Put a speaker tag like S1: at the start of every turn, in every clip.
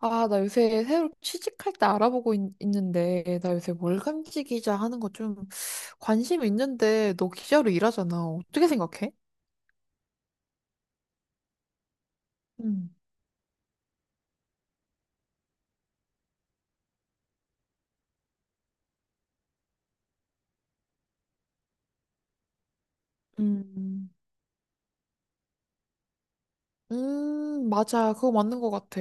S1: 아, 나 요새 새로 취직할 때 알아보고 있, 는데나 요새 월간지 기자 하는 거 좀 관심 있는데, 너 기자로 일하잖아. 어떻게 생각해? 음. 음. 음. 맞아, 그거 맞는 것 같아.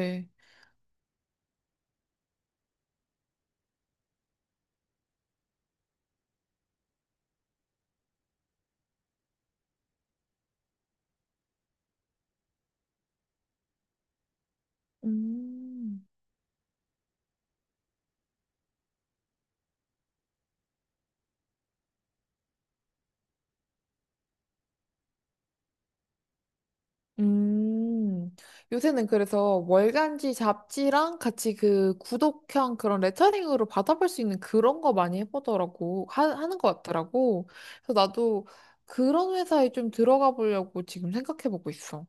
S1: 음, 음, 요새는 그래서 월간지 잡지랑 같이 그 구독형 그런 레터링으로 받아볼 수 있는 그런 거 많이 해보더라고, 하는 것 같더라고. 그래서 나도 그런 회사에 좀 들어가 보려고 지금 생각해보고 있어.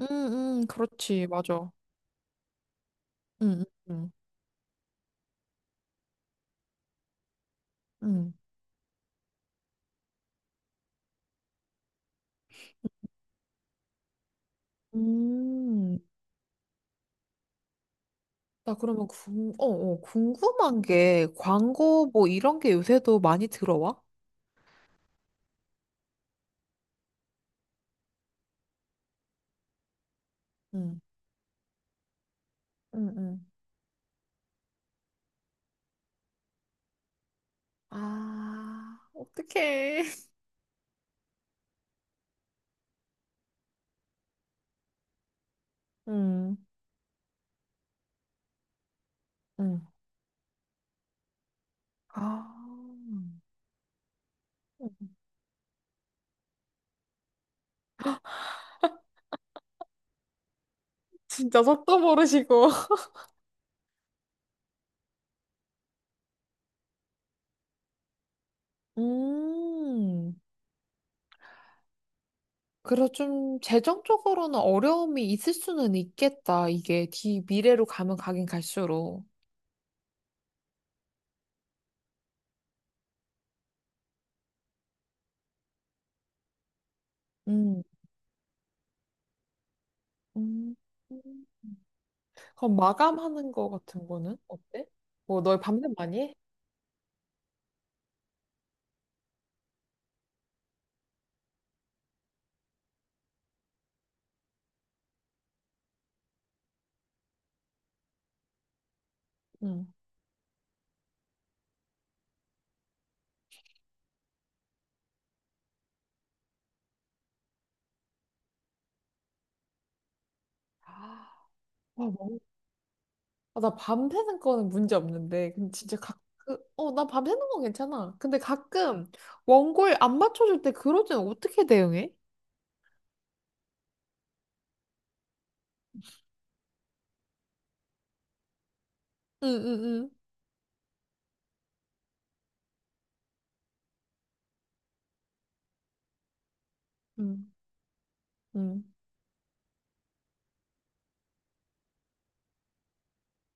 S1: 음. 음. 그렇지, 맞아. 음. 음. 음. 음. 음. 나 그러면 궁금한 게 광고 뭐 이런 게 요새도 많이 들어와? 음. 음. 음. 아, 어떡해. 음. 음. 아, 음, 진짜 속도 모르시고. 음. 그래서 좀 재정적으로는 어려움이 있을 수는 있겠다. 이게 뒤 미래로 가면 가긴 갈수록. 음. 음. 그럼 마감하는 거 같은 거는 어때? 뭐, 너 밤새 많이 해? 응. 아, 아, 뭐. 아, 나 밤새는 거는 문제 없는데, 근데 진짜 가끔, 나 밤새는 건 괜찮아. 근데 가끔 원고를 안 맞춰줄 때 그럴 때는 어떻게 대응해? 응, 응, 응, 응, 응,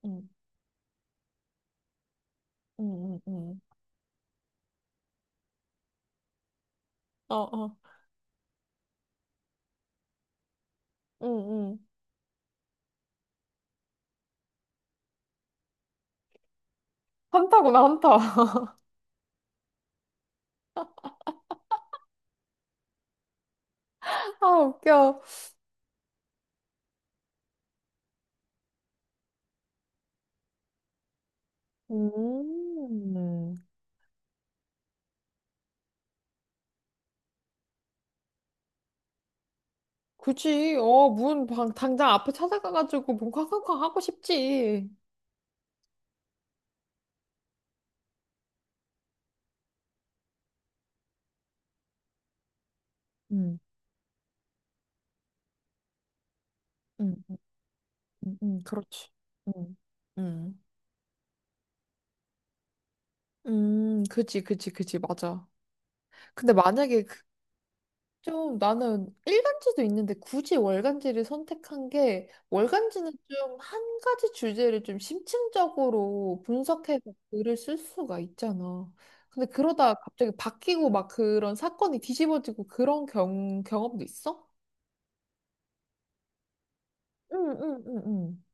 S1: 응, 응, 응, 응. 어, 어, 응, 응. 한타구나, 한타. 아, 웃겨. 음, 그치, 당장 앞에 찾아가가지고 문 쾅쾅쾅 하고 싶지. 음. 음. 음. 음. 그렇지. 음. 음. 음. 그지, 그지, 그지, 맞아. 근데 만약에 그-. 좀 나는 일간지도 있는데 굳이 월간지를 선택한 게 월간지는 좀 한 가지 주제를 좀 심층적으로 분석해서 글을 쓸 수가 있잖아. 근데 그러다 갑자기 바뀌고 막 그런 사건이 뒤집어지고 그런 경험도 있어? 응, 응, 응,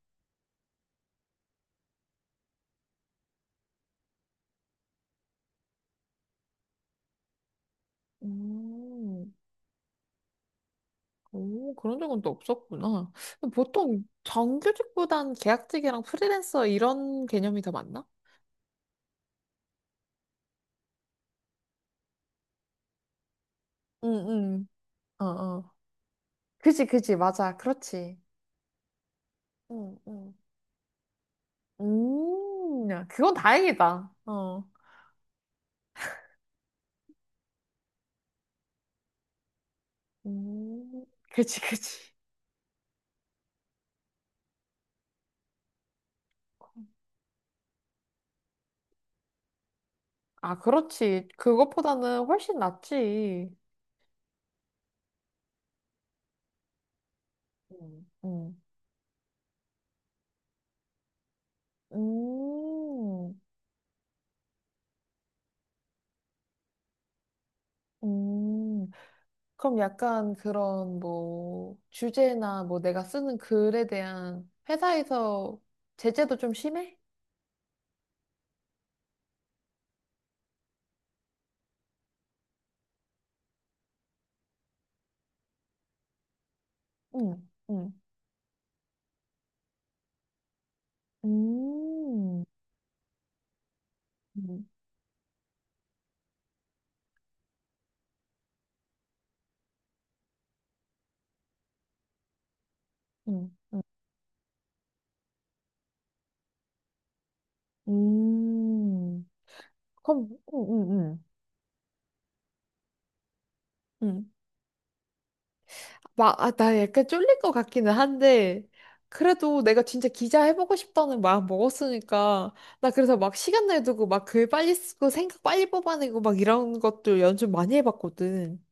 S1: 응. 오, 그런 적은 또 없었구나. 보통 정규직보단 계약직이랑 프리랜서 이런 개념이 더 많나? 응, 응. 어, 어. 그지, 그지. 맞아. 그렇지. 응, 응. 야, 그건 다행이다. 어. 음, 그지, 그지. 아, 그렇지. 그것보다는 훨씬 낫지. 음. 음. 음. 음. 그럼 약간 그런 뭐 주제나 뭐 내가 쓰는 글에 대한 회사에서 제재도 좀 심해? 응, 응. 음. 음. 음. 음. 그럼, 응, 응, 응. 응. 막, 아, 나 약간 쫄릴 것 같기는 한데, 그래도 내가 진짜 기자 해보고 싶다는 마음 먹었으니까, 나 그래서 막 시간 내두고 막 글 빨리 쓰고 생각 빨리 뽑아내고 막 이런 것도 연습 많이 해봤거든.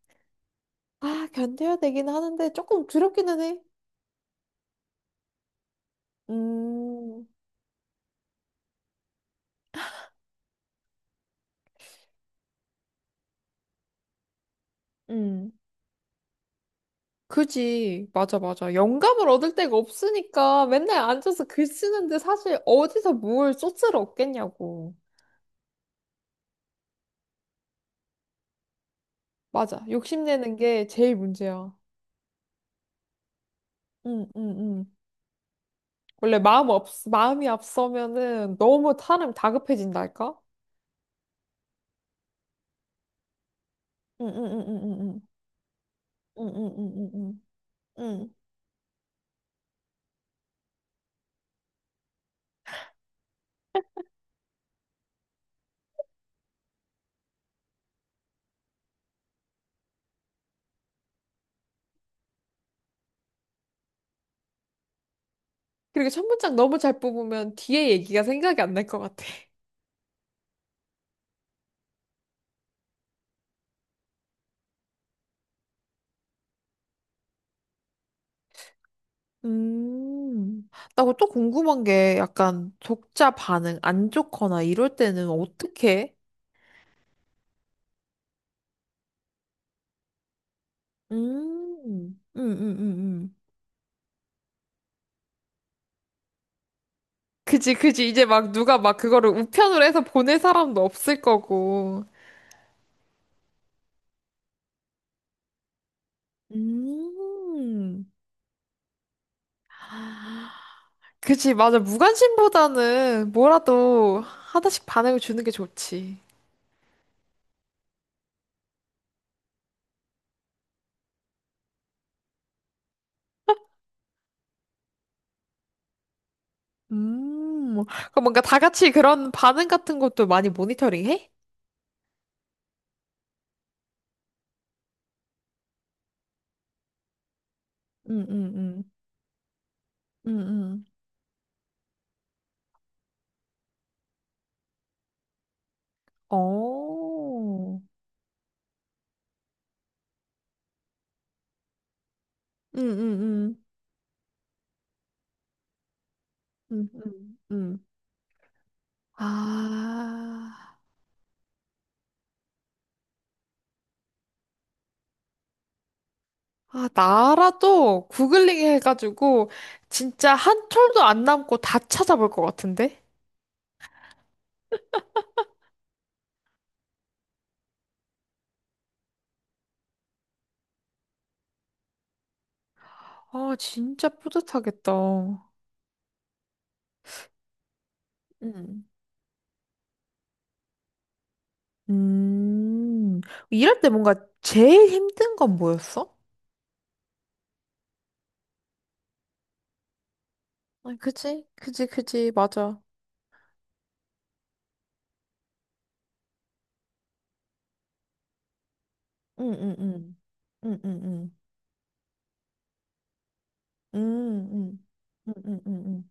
S1: 아, 견뎌야 되긴 하는데 조금 두렵기는 해. 음, 음, 그지. 맞아, 맞아. 영감을 얻을 데가 없으니까 맨날 앉아서 글 쓰는데 사실 어디서 뭘 소스를 얻겠냐고. 맞아. 욕심내는 게 제일 문제야. 응, 응, 응. 원래 마음이 앞서면은 너무 사람 다급해진달까? 응, 응, 응, 응, 응. 응, 응, 응, 응, 응. 응. 응. 그리고 첫 문장 너무 잘 뽑으면 뒤에 얘기가 생각이 안 날 것 같아. 음. 나또 그거 또 궁금한 게 약간 독자 반응 안 좋거나 이럴 때는 어떻게? 음. 음. 음. 음. 음. 그지, 그지. 이제 막 누가 막 그거를 우편으로 해서 보낼 사람도 없을 거고. 음. 그지, 맞아. 무관심보다는 뭐라도 하나씩 반응을 주는 게 좋지. 음. 그럼 뭔가 다 같이 그런 반응 같은 것도 많이 모니터링 해? 응응응응응 어, 응, 응, 응, 응, 응, 응. 아, 아, 나라도 구글링 해가지고 진짜 한 톨도 안 남고 다 찾아볼 것 같은데? 아, 진짜 뿌듯하겠다. 음. 음, 일할 때 뭔가 제일 힘든 건 뭐였어? 아, 그지? 그지, 그지, 맞아. 응, 응, 응. 응, 응, 응. 응, 응. 응, 응, 응, 응.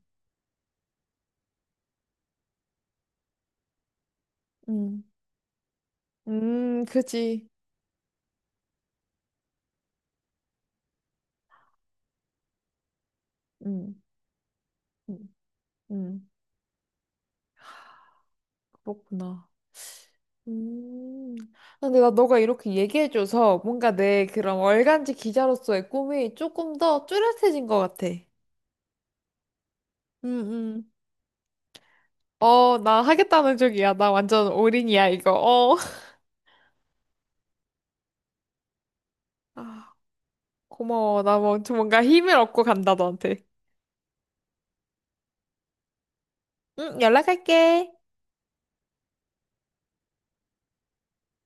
S1: 응. 그지. 응. 음, 그렇구나. 음. 근데 나 너가 이렇게 얘기해줘서 뭔가 내 그런 월간지 기자로서의 꿈이 조금 더 뚜렷해진 것 같아. 응. 나 하겠다는 쪽이야. 나 완전 올인이야, 이거. 어. 아, 고마워. 나 뭐, 좀 뭔가 힘을 얻고 간다, 너한테. 응. 응, 연락할게.